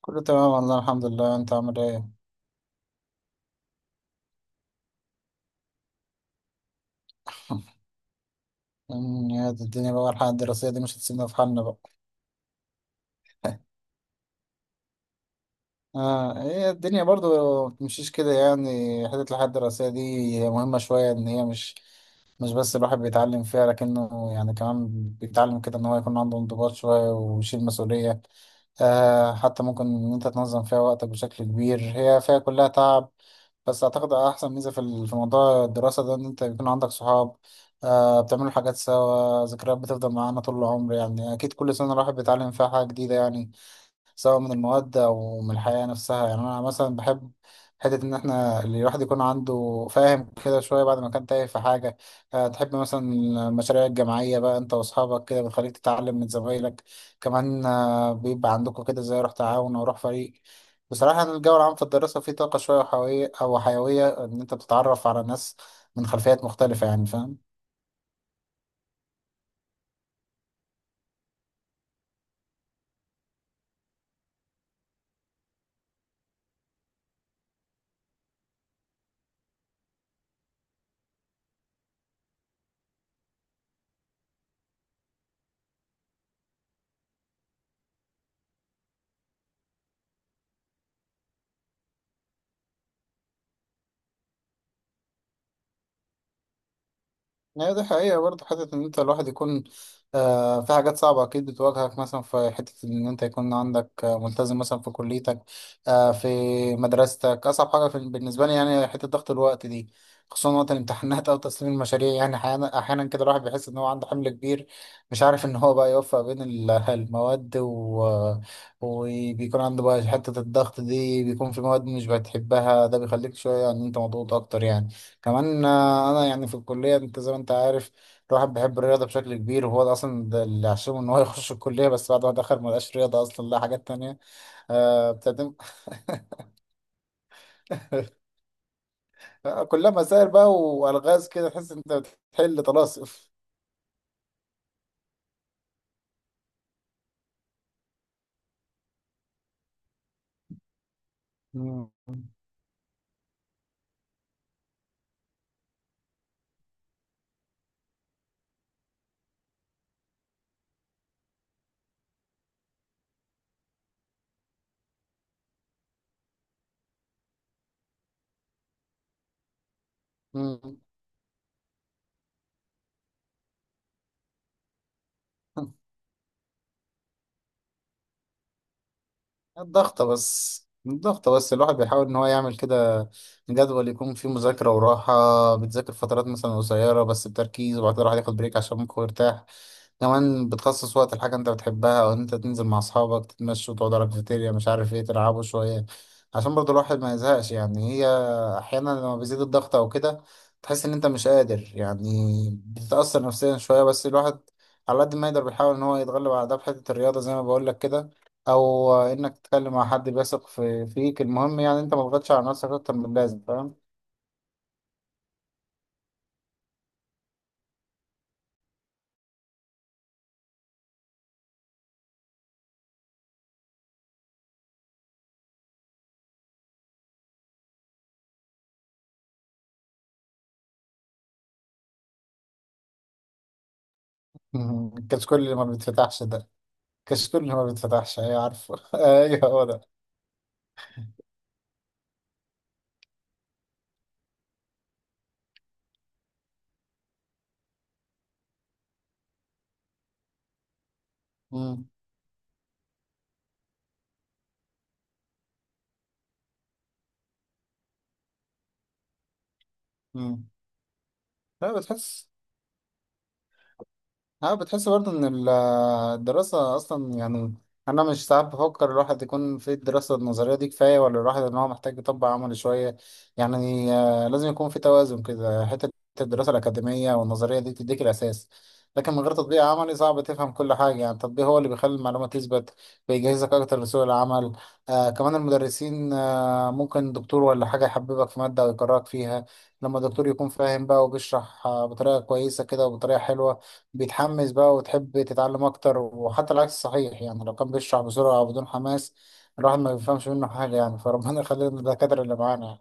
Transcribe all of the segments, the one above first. كله تمام والله، الحمد لله. انت عامل ايه؟ يا دي الدنيا، بقى الحياة الدراسية دي مش هتسيبنا في حالنا بقى. اه، هي الدنيا برضو ما بتمشيش كده يعني. حتة الحياة الدراسية دي هي مهمة شوية، ان هي مش بس الواحد بيتعلم فيها، لكنه يعني كمان بيتعلم كده ان هو يكون عنده انضباط شوية ويشيل مسؤولية. آه، حتى ممكن ان انت تنظم فيها وقتك بشكل كبير. هي فيها كلها تعب، بس اعتقد احسن ميزة في موضوع الدراسة ده ان انت بيكون عندك صحاب. آه، بتعملوا حاجات سوا، ذكريات بتفضل معانا طول العمر. يعني اكيد كل سنة الواحد بيتعلم فيها حاجة جديدة يعني، سواء من المواد أو من الحياة نفسها. يعني أنا مثلا بحب حتة إن إحنا الواحد يكون عنده فاهم كده شوية بعد ما كان تايه في حاجة. تحب مثلا المشاريع الجماعية بقى. أنت وأصحابك كده بتخليك تتعلم من زمايلك. كمان بيبقى عندكم كده زي روح تعاون أو روح فريق. بصراحة، أنا الجو العام في الدراسة فيه طاقة شوية وحيوية، أو حيوية إن أنت بتتعرف على ناس من خلفيات مختلفة يعني. فاهم؟ هي دي حقيقة برضه. حتة إن أنت الواحد يكون في حاجات صعبة أكيد بتواجهك، مثلا في حتة إن أنت يكون عندك ملتزم مثلا في كليتك، في مدرستك. أصعب حاجة في بالنسبة لي يعني حتة ضغط الوقت دي، خصوصا وقت الامتحانات أو تسليم المشاريع. يعني أحيانا أحيانا كده الواحد بيحس إن هو عنده حمل كبير، مش عارف إن هو بقى يوفق بين المواد وبيكون عنده بقى حتة الضغط دي. بيكون في مواد مش بتحبها ده بيخليك شوية إن أنت مضغوط أكتر يعني. كمان انا يعني في الكليه، انت زي ما انت عارف، الواحد بيحب الرياضه بشكل كبير، وهو ده اصلا ده اللي عشمه ان هو يخش الكليه. بس بعد ما دخل ما لقاش رياضه اصلا، لا حاجات تانية. آه، بتقدم كلها مسائل بقى والغاز كده، تحس انت بتحل طلاسم. مم. مم. الضغطة بس الواحد بيحاول إن هو يعمل كده جدول يكون فيه مذاكرة وراحة. بتذاكر فترات مثلا قصيرة بس بتركيز، وبعد كده الواحد ياخد بريك عشان ممكن يرتاح. كمان بتخصص وقت الحاجة انت بتحبها، او انت تنزل مع اصحابك تتمشوا، تقعدوا على الكافيتيريا، مش عارف ايه، تلعبوا شوية، عشان برضو الواحد ما يزهقش يعني. هي احيانا لما بيزيد الضغط او كده، تحس ان انت مش قادر يعني، بتتأثر نفسيا شوية. بس الواحد على قد ما يقدر بيحاول ان هو يتغلب على ده في حتة الرياضة زي ما بقول لك كده، او انك تتكلم مع حد بيثق فيك. المهم يعني انت ما تضغطش على نفسك اكتر من اللازم. فاهم؟ الكشكول اللي ما بيتفتحش ده. الكشكول اللي ما بيتفتحش، ايوه عارفه ايوه هو ده. مم. لا، بتحس. بتحس برضه ان الدراسة اصلا يعني، انا مش، ساعات بفكر الواحد يكون في الدراسة النظرية دي كفاية، ولا الواحد ان هو محتاج يطبق عملي شوية. يعني لازم يكون في توازن كده. حتة الدراسة الأكاديمية والنظرية دي تديك الأساس، لكن من غير تطبيق عملي صعب تفهم كل حاجة. يعني التطبيق هو اللي بيخلي المعلومة تثبت، بيجهزك أكتر لسوق العمل. كمان المدرسين، ممكن دكتور ولا حاجة يحببك في مادة ويكرهك فيها. لما الدكتور يكون فاهم بقى وبيشرح بطريقة كويسة كده وبطريقة حلوة، بيتحمس بقى وتحب تتعلم اكتر. وحتى العكس صحيح يعني، لو كان بيشرح بسرعة او بدون حماس الواحد ما بيفهمش منه حاجة يعني. فربنا يخلينا الدكاترة اللي معانا يعني.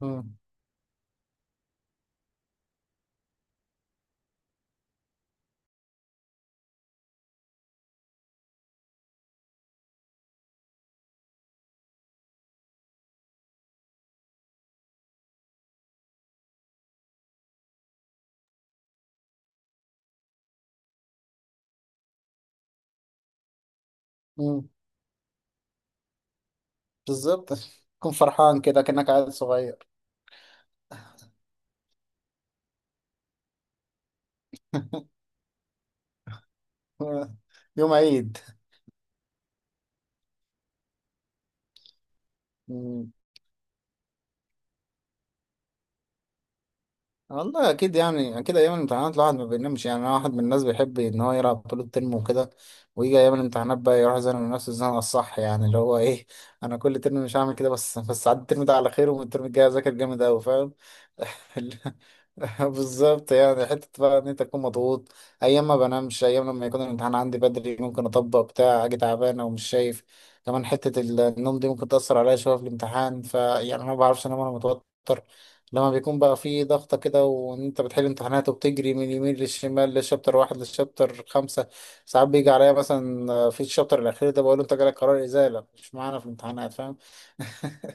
مم. مم. بالظبط تكون فرحان كده كأنك عيل صغير. يوم عيد. والله اكيد يعني، اكيد ايام الامتحانات الواحد ما بينامش يعني. انا واحد من الناس بيحب ان هو يلعب طول الترم وكده، ويجي ايام الامتحانات بقى يروح يزنق نفسه الزنقه الصح يعني، اللي هو ايه؟ انا كل ترم مش هعمل كده، بس عدي الترم ده على خير والترم الجاي اذاكر جامد قوي. فاهم؟ بالظبط يعني، حته بقى ان انت تكون مضغوط، ايام ما بنامش. ايام لما يكون الامتحان عندي بدري ممكن اطبق بتاع اجي تعبان او مش شايف. كمان حته النوم دي ممكن تاثر عليا شويه في الامتحان. فيعني انا ما بعرفش انام وانا متوتر، لما بيكون بقى فيه ضغطة كده وان انت بتحل امتحانات وبتجري من اليمين للشمال، للشابتر 1 للشابتر 5. ساعات بيجي عليا مثلا في الشابتر الأخير ده بقول له انت جالك قرار إزالة مش معانا في الامتحانات. فاهم؟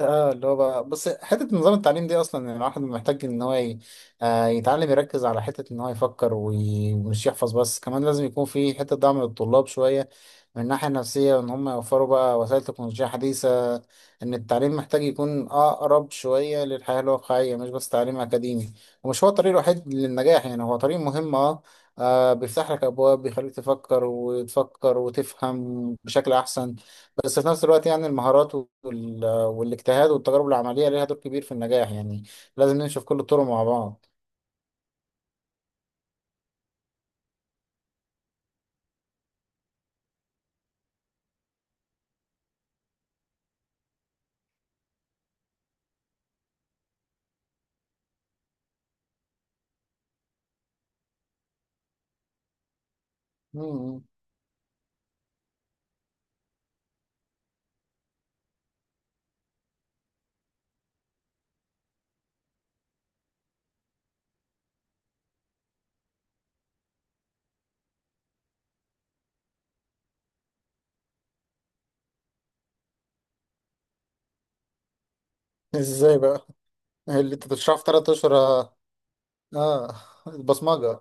اه، اللي هو بقى بس حته نظام التعليم دي اصلا يعني. الواحد محتاج ان هو يتعلم يركز على حته ان هو يفكر ومش يحفظ بس. كمان لازم يكون في حته دعم للطلاب شويه من الناحيه النفسيه، ان هم يوفروا بقى وسائل تكنولوجيه حديثه، ان التعليم محتاج يكون اقرب شويه للحياه الواقعيه، مش بس تعليم اكاديمي. ومش هو الطريق الوحيد للنجاح يعني، هو طريق مهم اه. بيفتح لك ابواب بيخليك تفكر وتفكر وتفهم بشكل احسن. بس في نفس الوقت يعني، المهارات وال والاجتهاد والتجارب العملية ليها دور كبير في النجاح يعني. لازم ننشف كل الطرق مع بعض. مم. ازاي بقى؟ اللي انت تشرحه في 3 اشهر؟ اه. آه، البصمجة.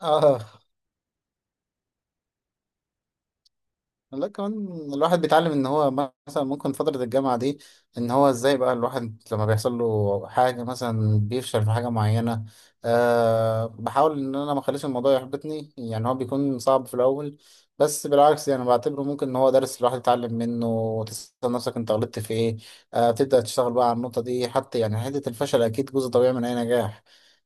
اه. لا، كمان الواحد بيتعلم ان هو، مثلا ممكن فترة الجامعة دي، ان هو ازاي بقى الواحد لما بيحصل له حاجة مثلا بيفشل في حاجة معينة. بحاول ان انا ما اخليش الموضوع يحبطني. يعني هو بيكون صعب في الاول، بس بالعكس يعني بعتبره ممكن ان هو درس الواحد يتعلم منه، وتسأل نفسك انت غلطت في ايه. تبدأ تشتغل بقى على النقطة دي، حتى يعني حتة الفشل اكيد جزء طبيعي من اي نجاح.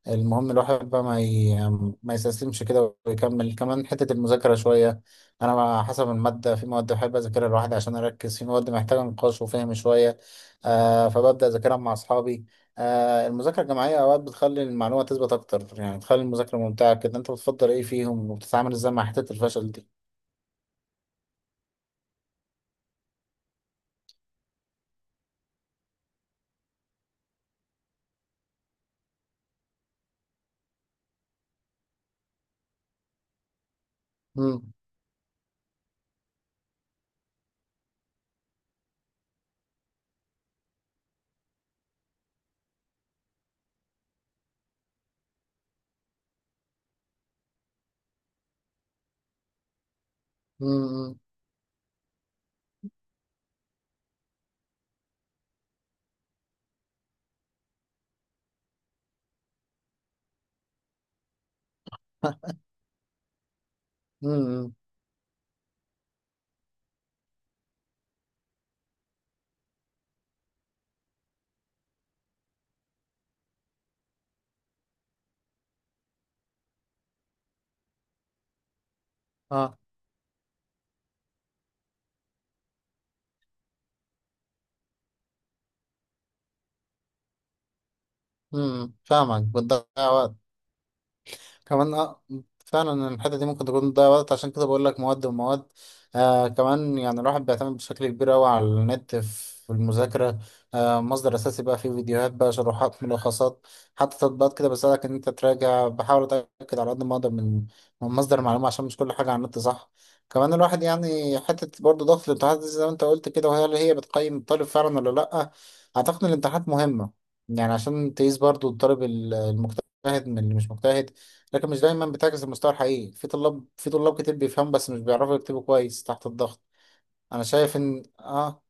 المهم الواحد بقى ما يستسلمش كده، ويكمل. كمان حتة المذاكرة شوية، انا حسب الماده، في مواد بحب اذاكرها لوحدي عشان اركز، في مواد محتاجه نقاش وفهم شويه، فببدا اذاكرها مع اصحابي. المذاكره الجماعيه اوقات بتخلي المعلومه تثبت اكتر، يعني تخلي المذاكره ممتعه كده. انت بتفضل ايه فيهم، وبتتعامل ازاي مع حته الفشل دي؟ امم. امم. امم. اه. امم، فاهمك بتضيع وقت. كمان اه، فعلا الحتة دي ممكن تكون تضيع وقت، عشان كده بقول لك مواد ومواد. كمان يعني الواحد بيعتمد بشكل كبير أوي على النت في المذاكرة. مصدر أساسي بقى، فيه فيديوهات بقى، شروحات، ملخصات، حتى تطبيقات كده بساعدك إن أنت تراجع. بحاول أتأكد على قد ما أقدر من مصدر المعلومة، عشان مش كل حاجة على النت صح. كمان الواحد يعني حتة برضه ضغط الامتحانات دي زي ما أنت قلت كده، وهي اللي هي بتقيم الطالب فعلا ولا لأ؟ أعتقد إن الامتحانات مهمة، يعني عشان تقيس برضه الطالب المجتهد من اللي مش مجتهد. لكن مش دايما بتعكس المستوى الحقيقي. في طلاب كتير بيفهموا بس مش بيعرفوا يكتبوا كويس تحت الضغط. انا شايف ان اه.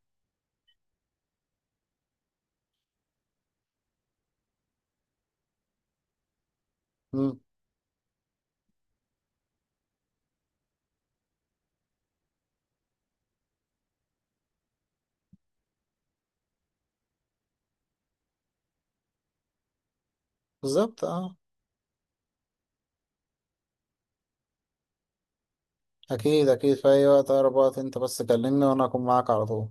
مم. بالظبط اه. اكيد اكيد، في اي وقت، اقرب وقت انت بس كلمني وانا اكون معاك على طول.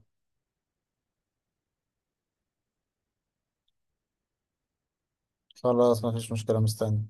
خلاص مفيش مشكلة، مستني.